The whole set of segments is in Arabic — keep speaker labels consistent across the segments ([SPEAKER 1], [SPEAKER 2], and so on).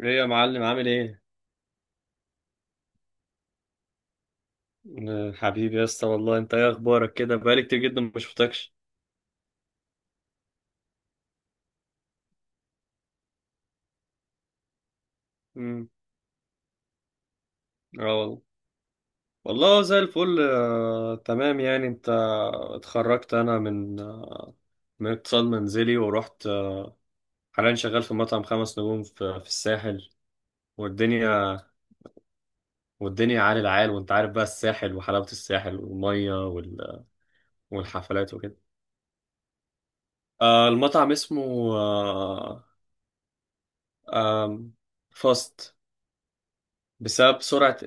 [SPEAKER 1] ايه يا معلم عامل ايه؟ حبيبي يا اسطى، والله انت ايه اخبارك؟ كده بقالي كتير جدا ما شفتكش. امم اه والله، والله زي الفل. تمام. يعني انت اتخرجت، انا من من اقتصاد منزلي، ورحت حاليا شغال في مطعم خمس نجوم في الساحل. والدنيا، والدنيا عال العال. وانت عارف بقى الساحل، وحلاوة الساحل والمية والحفلات وكده. المطعم اسمه آه، آم، فاست. بسبب سرعة،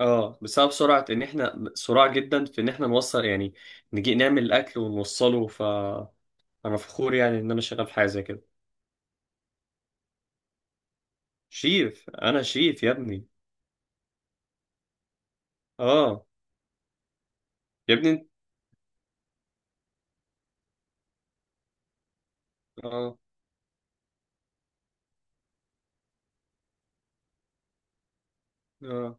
[SPEAKER 1] اه بسبب سرعة ان احنا سرعة جدا في ان احنا نوصل، يعني نجي نعمل الاكل ونوصله. فانا فخور يعني ان انا شغال في حاجة زي كده. شيف، انا شيف يا ابني. اه. يا ابني انت- اه. اه.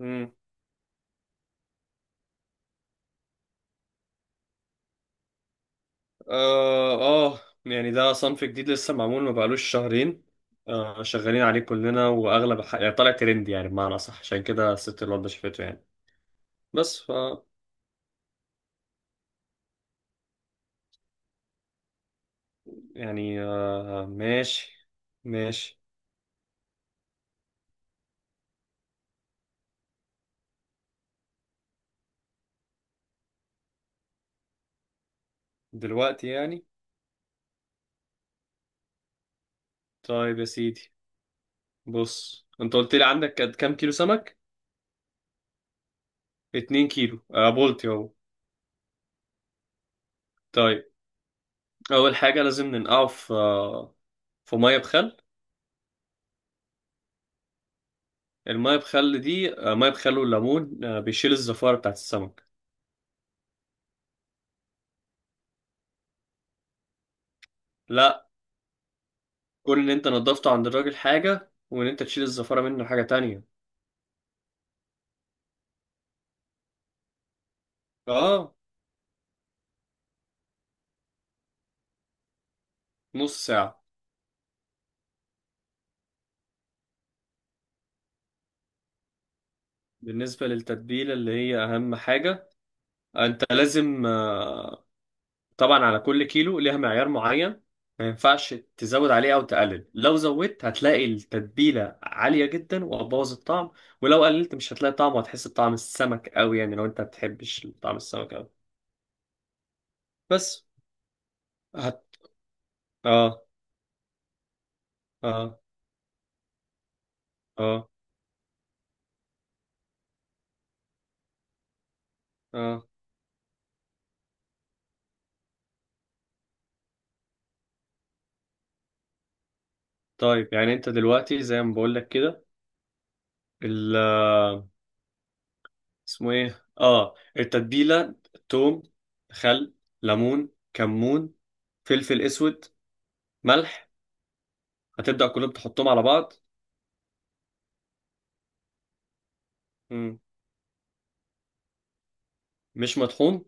[SPEAKER 1] امم. اه. اه يعني ده صنف جديد لسه معمول، ما بقالوش شهرين. آه، شغالين عليه كلنا، واغلب يعني طالع ترند، يعني بمعنى اصح، عشان كده الست الواد شافته يعني. بس ف، يعني آه ماشي. ماشي. دلوقتي يعني؟ طيب يا سيدي، بص، انت قلت لي عندك قد كام كيلو سمك؟ 2 كيلو آه، بولتي اهو. طيب، اول حاجه لازم ننقعه في في ميه بخل. الميه بخل دي، آه، ميه بخل والليمون، آه، بيشيل الزفاره بتاعت السمك. لا، كون ان انت نضفته عند الراجل حاجه، وان انت تشيل الزفاره منه حاجه تانية. اه. نص ساعه. بالنسبه للتتبيله اللي هي اهم حاجه، انت لازم آه، طبعا على كل كيلو ليها معيار معين. ما ينفعش تزود عليه او تقلل. لو زودت هتلاقي التتبيله عاليه جدا وهتبوظ الطعم، ولو قللت مش هتلاقي طعم وهتحس بطعم السمك قوي، يعني لو انت ما بتحبش طعم السمك قوي. بس. هت... اه. اه. اه. اه. طيب، يعني انت دلوقتي زي ما بقول لك كده، ال اسمه ايه، اه، التتبيله: توم، خل، ليمون، كمون، فلفل اسود، ملح. هتبدأ كلهم تحطهم على بعض. مش مطحون؟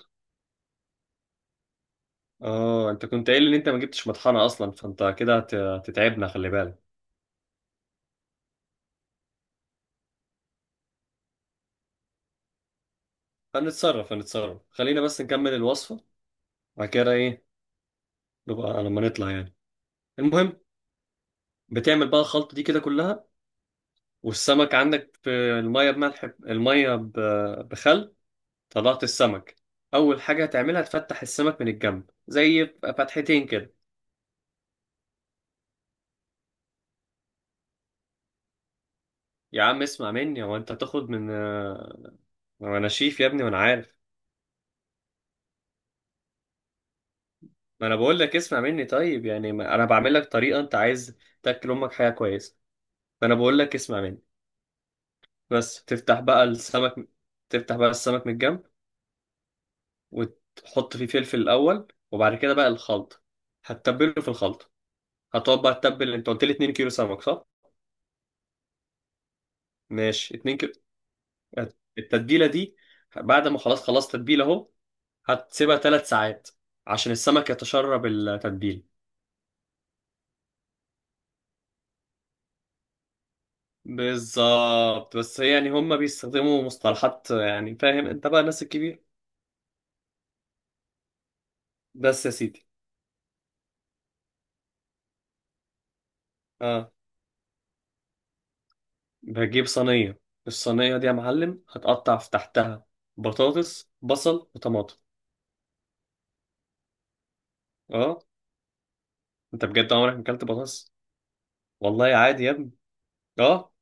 [SPEAKER 1] اه، انت كنت قايل ان انت ما جبتش مطحنه اصلا، فانت كده هتتعبنا، خلي بالك. هنتصرف، هنتصرف، خلينا بس نكمل الوصفه. بعد كده ايه؟ نبقى لما نطلع يعني. المهم، بتعمل بقى الخلطه دي كده كلها، والسمك عندك في الميه بملح، الميه بخل. طلعت السمك، اول حاجه هتعملها تفتح السمك من الجنب زي فتحتين كده. يا عم اسمع مني، هو انت هتاخد من وانا شيف يا ابني وانا عارف. ما انا بقول لك اسمع مني. طيب يعني ما انا بعمل لك طريقه انت عايز تاكل امك حاجه كويسه، فانا بقول لك اسمع مني. بس تفتح بقى السمك، تفتح بقى السمك من الجنب، وتحط فيه فلفل الاول، وبعد كده بقى الخلط، هتتبله في الخلط. هتقعد بقى تتبل. انت قلت لي 2 كيلو سمك صح؟ ماشي، 2 كيلو. التتبيله دي، بعد ما خلاص خلاص تتبيله اهو، هتسيبها 3 ساعات عشان السمك يتشرب التتبيله. بالظبط، بس يعني هم بيستخدموا مصطلحات، يعني فاهم انت بقى الناس الكبير. بس يا سيدي. اه. بجيب صينية، الصينية دي يا معلم هتقطع في تحتها بطاطس، بصل، وطماطم. اه. انت بجد عمرك ما اكلت بطاطس؟ والله عادي يا ابني. اه.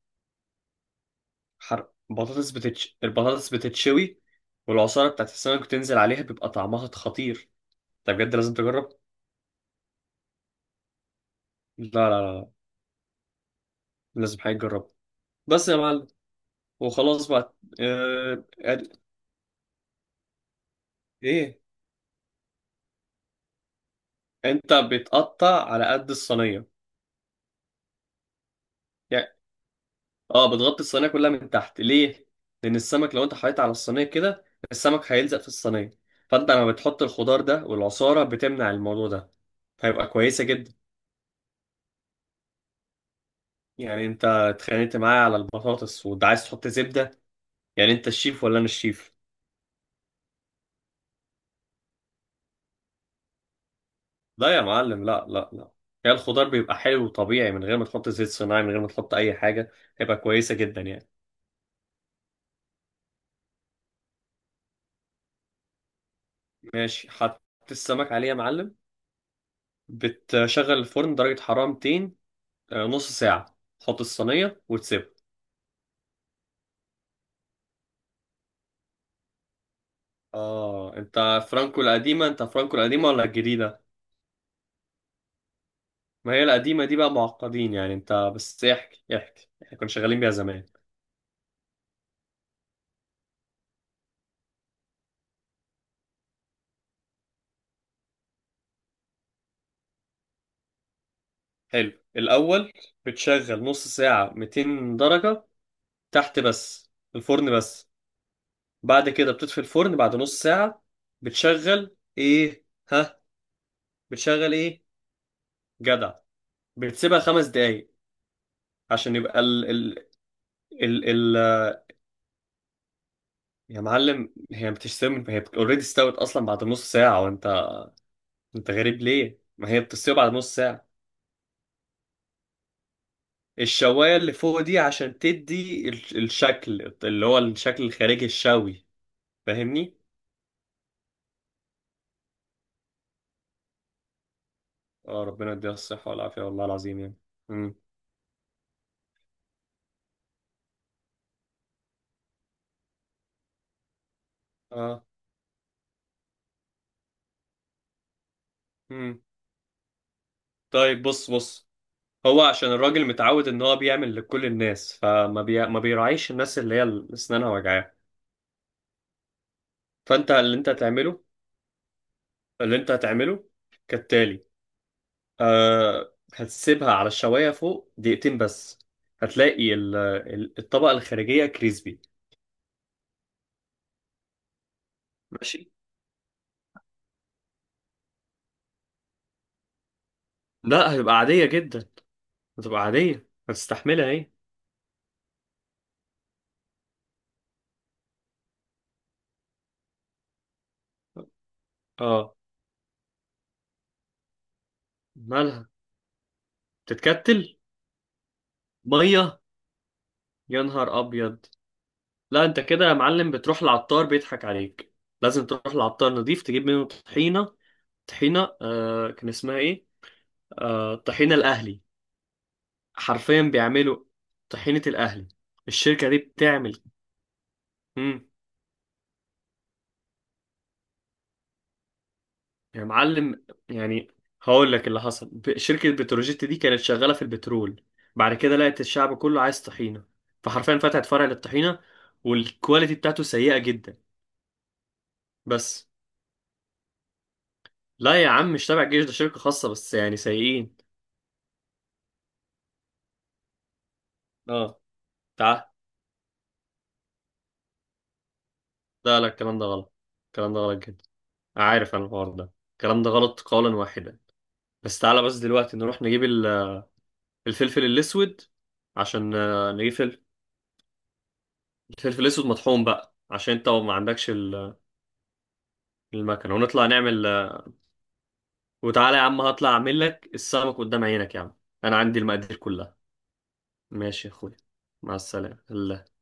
[SPEAKER 1] حر، بطاطس بتتش البطاطس بتتشوي، والعصارة بتاعت السمك بتنزل عليها، بيبقى طعمها خطير. انت بجد لازم تجرب. لا لا لا لا، لازم حاجة تجرب، بس يا معلم. وخلاص بقى. آه... اد- ايه، انت بتقطع على قد الصينيه. يعني اه، بتغطي الصينيه كلها من تحت. ليه؟ لان السمك لو انت حطيت على الصينيه كده، السمك هيلزق في الصينيه، فانت لما بتحط الخضار ده، والعصاره بتمنع الموضوع ده، فيبقى كويسه جدا. يعني انت اتخانقت معايا على البطاطس وانت عايز تحط زبده؟ يعني انت الشيف ولا انا الشيف؟ لا يا معلم، لا لا لا، هي الخضار بيبقى حلو وطبيعي من غير ما تحط زيت صناعي، من غير ما تحط اي حاجه. هيبقى كويسه جدا يعني. ماشي، حط السمك عليه يا معلم. بتشغل الفرن درجة حرارة 200. نص ساعة تحط الصينية وتسيبها. اه، انت فرانكو القديمة؟ انت فرانكو القديمة ولا الجديدة؟ ما هي القديمة دي بقى معقدين، يعني انت بس احكي احكي، احنا كنا شغالين بيها زمان. حلو، الأول بتشغل نص ساعة 200 درجة تحت بس، الفرن بس. بعد كده بتطفي الفرن بعد نص ساعة. بتشغل ايه؟ ها. بتشغل ايه؟ جدع. بتسيبها خمس دقايق. عشان يبقى ال. يا معلم، هي بتستوي، هي اوريدي استوت اصلا بعد نص ساعه، وانت، انت غريب ليه؟ ما هي بتستوي بعد نص ساعه. الشوايه اللي فوق دي عشان تدي الشكل، اللي هو الشكل الخارجي الشوي، فاهمني. اه، ربنا يديها الصحه والعافيه، والله العظيم يعني. امم. اه. امم طيب بص، بص، هو عشان الراجل متعود ان هو بيعمل لكل الناس، ما بيراعيش الناس اللي هي اسنانها وجعاها. فانت اللي انت هتعمله، اللي انت هتعمله كالتالي: أه، هتسيبها على الشواية فوق دقيقتين بس، هتلاقي الطبقة الخارجية كريسبي. ماشي. لا، هتبقى عادية جدا، هتبقى عادية، هتستحملها ايه. اه. مالها؟ بتتكتل؟ مية؟ يا نهار ابيض. لا، انت كده يا معلم بتروح العطار بيضحك عليك. لازم تروح العطار نظيف تجيب منه طحينة. طحينة آه كان اسمها ايه، آه، طحينة الاهلي. حرفيا بيعملوا طحينة الاهلي. الشركة دي بتعمل. مم. يا معلم، يعني هقول لك اللي حصل، شركة بتروجيت دي كانت شغالة في البترول، بعد كده لقت الشعب كله عايز طحينة، فحرفيا فتحت فرع للطحينة، والكواليتي بتاعته سيئة جدا. بس. لا يا عم، مش تابع الجيش، ده شركة خاصة، بس يعني سيئين. اه، تعال، لا لا، الكلام ده غلط، الكلام ده غلط جدا، عارف انا الحوار ده، الكلام ده غلط قولا واحدا. بس تعالى، بس دلوقتي نروح نجيب الفلفل الأسود. عشان نجيب فلفل، الفلفل الأسود مطحون بقى، عشان انت ما عندكش المكنة، ونطلع نعمل وتعالى يا عم، هطلع أعمل لك السمك قدام عينك يا عم. أنا عندي المقادير كلها. ماشي يا أخويا، مع السلامة.